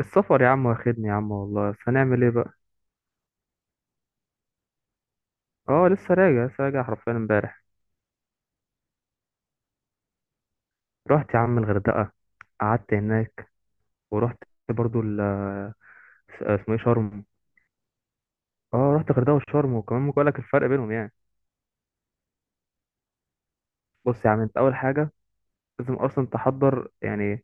السفر يا عم واخدني يا عم والله، بس هنعمل ايه بقى؟ اه، لسه راجع لسه راجع حرفيا امبارح. رحت يا عم الغردقه، قعدت هناك ورحت برضو اسمه ايه؟ شرم. اه رحت الغردقه وشرم، وكمان ممكن اقول لك الفرق بينهم يعني. بص يا عم، انت اول حاجه لازم اصلا تحضر يعني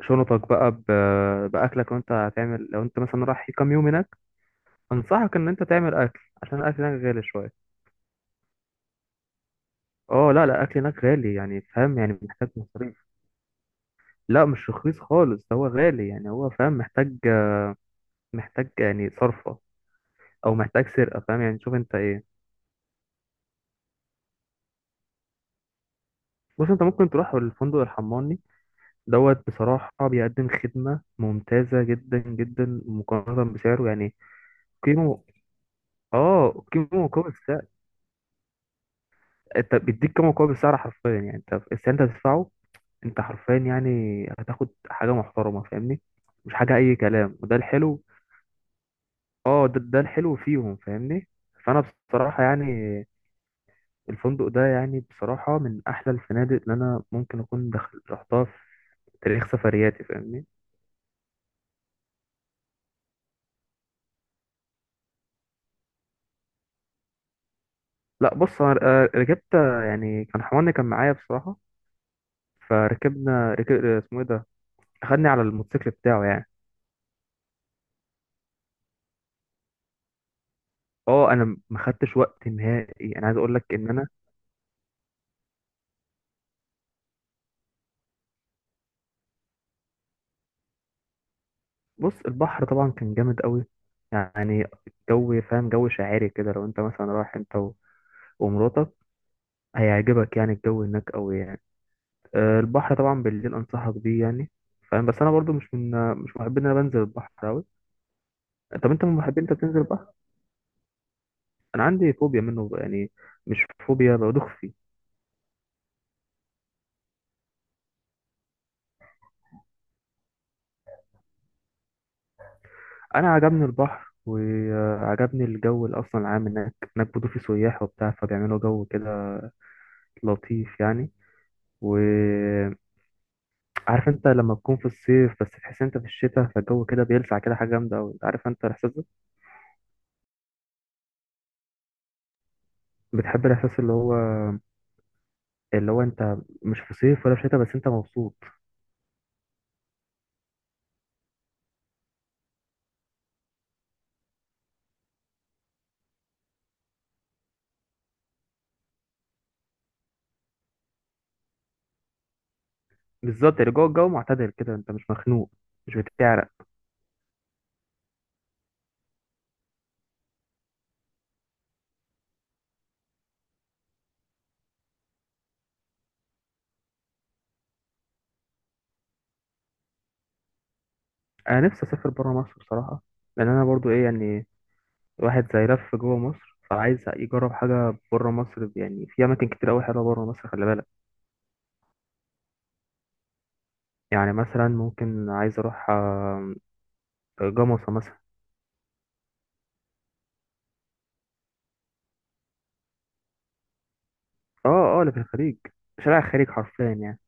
شنطك بقى، باكلك، وانت هتعمل لو انت مثلا رايح كام يوم هناك. انصحك ان انت تعمل اكل عشان الاكل هناك غالي شويه. اه، لا لا، الاكل هناك غالي يعني، فاهم؟ يعني محتاج مصاريف. لا مش رخيص خالص، ده هو غالي يعني، هو فاهم، محتاج محتاج يعني صرفة، أو محتاج سرقة، فاهم يعني؟ شوف أنت إيه. بص، أنت ممكن تروح الفندق الحماني دوت، بصراحة بيقدم خدمة ممتازة جدا جدا مقارنة بسعره يعني. قيمة. اه، قيمة مقابل السعر. أنت بيديك قيمة مقابل السعر حرفيا، يعني أنت السعر أنت هتدفعه، أنت حرفيا يعني هتاخد حاجة محترمة، فاهمني؟ مش حاجة أي كلام، وده الحلو. اه ده الحلو فيهم، فاهمني؟ فأنا بصراحة يعني الفندق ده، يعني بصراحة، من أحلى الفنادق اللي أنا ممكن أكون دخل رحتها في تاريخ سفرياتي، فاهمني؟ لا بص، أنا ركبت، يعني كان حماني كان معايا بصراحة. فركبنا ركب، اسمه إيه ده، أخدني على الموتوسيكل بتاعه يعني. أه، أنا ما خدتش وقت نهائي، أنا عايز أقول لك إن أنا... بص، البحر طبعا كان جامد قوي يعني. جو، فاهم؟ جو شاعري كده، لو أنت مثلا رايح أنت ومراتك، هيعجبك يعني الجو هناك قوي يعني. البحر طبعا بالليل انصحك بيه يعني، فاهم؟ بس انا برضو مش محب ان انا بنزل البحر قوي. طب انت من محبين، انت بتنزل البحر؟ انا عندي فوبيا منه يعني، مش فوبيا، بدوخ فيه. انا عجبني البحر وعجبني الجو، اللي اصلا العام هناك برضو في سياح وبتاع فبيعملوا جو كده لطيف يعني. وعارف، انت لما تكون في الصيف بس تحس انت في الشتاء، فالجو كده بيلسع كده، حاجه جامده قوي، عارف انت الاحساس ده؟ بتحب الاحساس اللي هو انت مش في صيف ولا في شتاء، بس انت مبسوط. بالظبط يعني جوه الجو معتدل كده، انت مش مخنوق، مش بتعرق. انا نفسي اسافر بره مصر بصراحه، لان انا برضو ايه يعني، واحد زي لف جوه مصر فعايز يجرب حاجه بره مصر، يعني في اماكن كتير قوي حلوه بره مصر، خلي بالك. يعني مثلا ممكن عايز اروح جمصة مثلا. اه. اه، اللي في الخليج، شارع الخليج حرفيا يعني.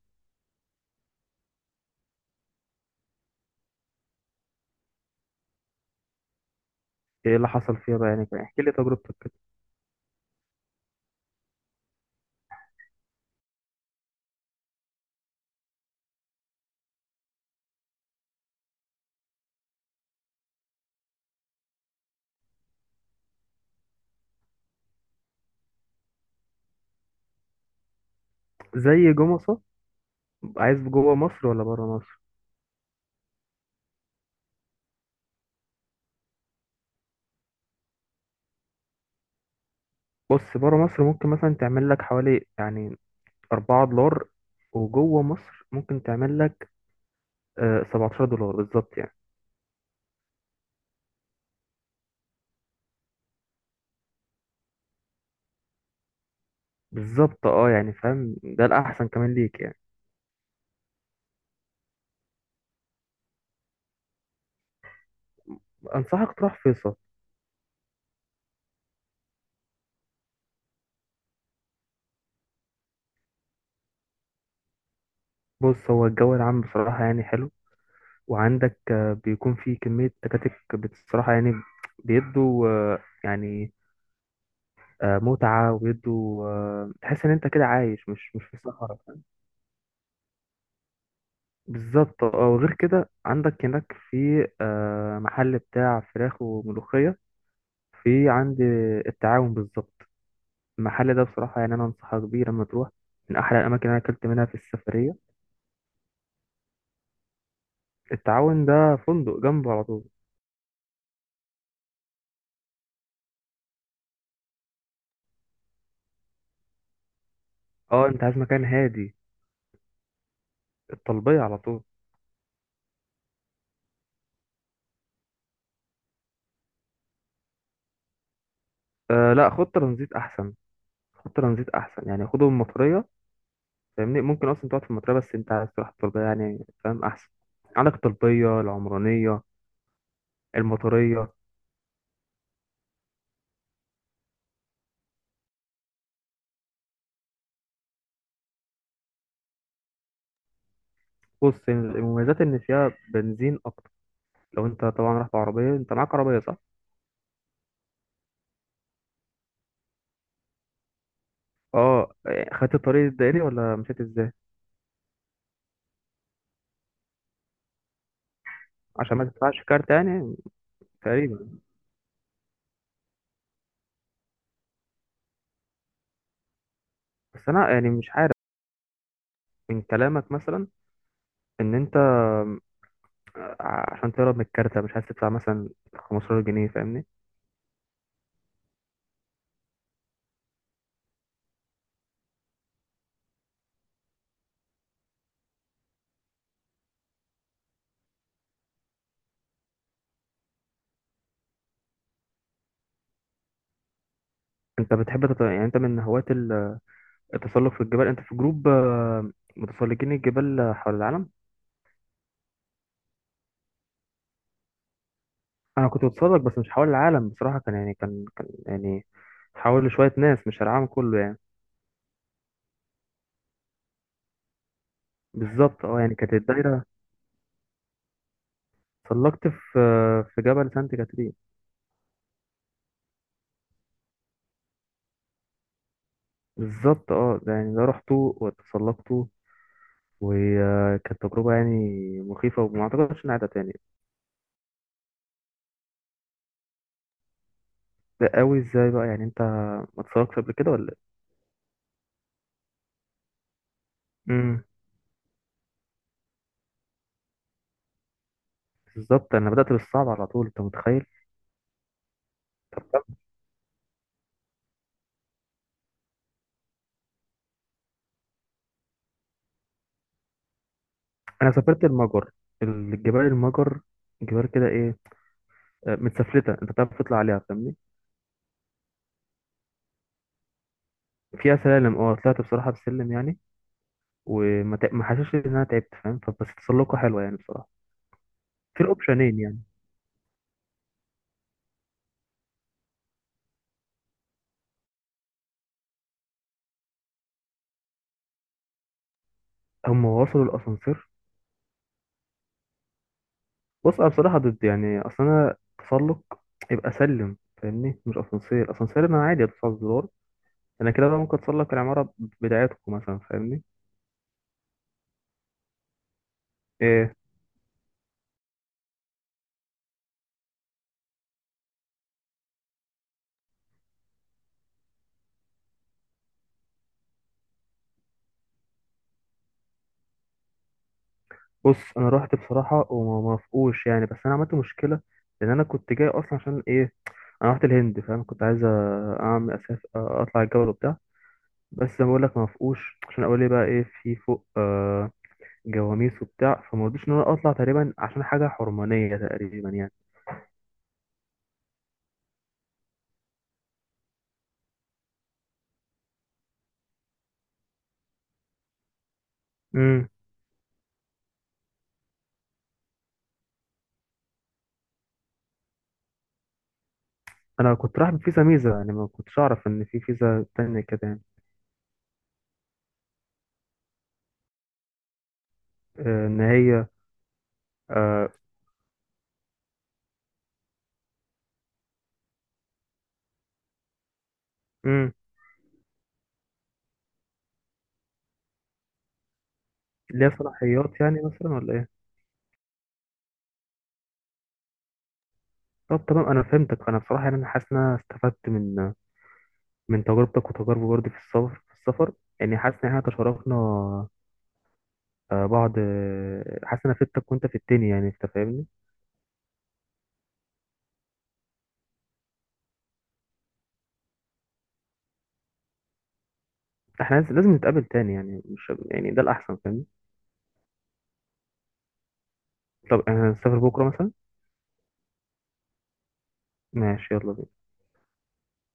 ايه اللي حصل فيها بقى يعني؟ احكي لي تجربتك كده. زي جمصة؟ عايز جوه مصر ولا بره مصر؟ بص، بره مصر ممكن مثلا تعمل لك حوالي يعني $4، وجوه مصر ممكن تعمل لك $17 بالظبط يعني. بالظبط، اه، يعني فاهم؟ ده الأحسن كمان ليك يعني. أنصحك تروح فيصل. بص هو الجو العام بصراحة يعني حلو، وعندك بيكون في كمية تكاتك بصراحة يعني، بيدوا يعني متعة، وبيدوا تحس إن أنت كده عايش مش في صحراء، فاهم؟ بالظبط، اه، وغير كده عندك هناك في محل بتاع فراخ وملوخية، في عند التعاون بالظبط. المحل ده بصراحة يعني أنا أنصحك بيه لما تروح، من أحلى الأماكن اللي أنا أكلت منها في السفرية. التعاون ده فندق جنبه على طول. أه، أنت عايز مكان هادي؟ الطلبية على طول. أه لا، خد ترانزيت أحسن. خد ترانزيت أحسن، يعني خده من المطرية، فاهمني؟ ممكن أصلا تقعد في المطرية، بس أنت عايز تروح الطلبية يعني، فاهم أحسن. عندك الطلبية، العمرانية، المطرية. بص، المميزات إن فيها بنزين أكتر. لو أنت طبعا رايح بعربية، أنت معاك عربية صح؟ أه إيه، خدت الطريق الدائري ولا مشيت إزاي؟ عشان ما تدفعش كارت يعني. تقريبا. بس انا يعني مش عارف من كلامك مثلا، ان انت عشان تهرب من الكارتة مش عايز تدفع مثلا 15 جنيه، فاهمني؟ انت بتحب يعني انت من هواة التسلق في الجبال؟ انت في جروب متسلقين الجبال حول العالم؟ انا كنت بتسلق بس مش حول العالم بصراحة، كان يعني كان يعني حول لشوية ناس، مش العالم كله يعني. بالظبط اه، يعني كانت الدايرة. سلقت في في جبل سانت كاترين. بالظبط اه، ده يعني ده رحته وتسلقت، وكانت تجربة يعني مخيفة، وما أعتقدش إنها هتعيدها تاني. ده قوي إزاي بقى يعني؟ أنت ما اتسرقتش قبل كده ولا إيه؟ امم. بالظبط أنا بدأت بالصعب على طول، أنت متخيل؟ طب طب، أنا سافرت المجر. الجبال المجر، جبال كده إيه، متسفلتة، أنت بتعرف تطلع عليها فاهمني؟ فيها سلالم، أه طلعت بصراحة بسلم يعني، وما تع- ما حسيتش إن أنا تعبت، فاهم؟ فبس تسلقة حلوة يعني بصراحة. في الأوبشنين يعني. هم وصلوا الأسانسير؟ بص، انا بصراحه ضد يعني، اصل انا تسلق يبقى سلم فاهمني، مش اسانسير. اسانسير انا عادي ادوس على الزرار، انا كده بقى ممكن اتسلق العماره بدايتكم مثلا، فاهمني؟ إيه. بص انا رحت بصراحه وما موافقوش يعني، بس انا عملت مشكله، لان انا كنت جاي اصلا عشان ايه؟ انا رحت الهند فاهم، كنت عايز اعمل اساس اطلع الجبل وبتاع. بس زي ما بقول لك، ما وافقوش عشان اقول لي بقى ايه في فوق؟ آه، جواميس وبتاع، فما رضيتش ان انا اطلع تقريبا، عشان حاجه حرمانيه تقريبا يعني. إمم. انا كنت رايح بفيزا ميزه يعني، ما كنتش اعرف ان في فيزا تانية كده يعني. ان هي آه، امم ليها صلاحيات يعني مثلا، ولا ايه؟ طب تمام، انا فهمتك. انا بصراحه يعني انا حاسس ان انا استفدت من تجربتك، وتجاربي برضه في السفر يعني. حاسس ان احنا تشاركنا بعض، حاسس ان انا فدتك وانت في التاني يعني، انت فاهمني؟ احنا لازم نتقابل تاني يعني، مش يعني ده الاحسن فاهمني؟ طب احنا هنسافر بكره مثلا؟ ماشي، يلا بينا.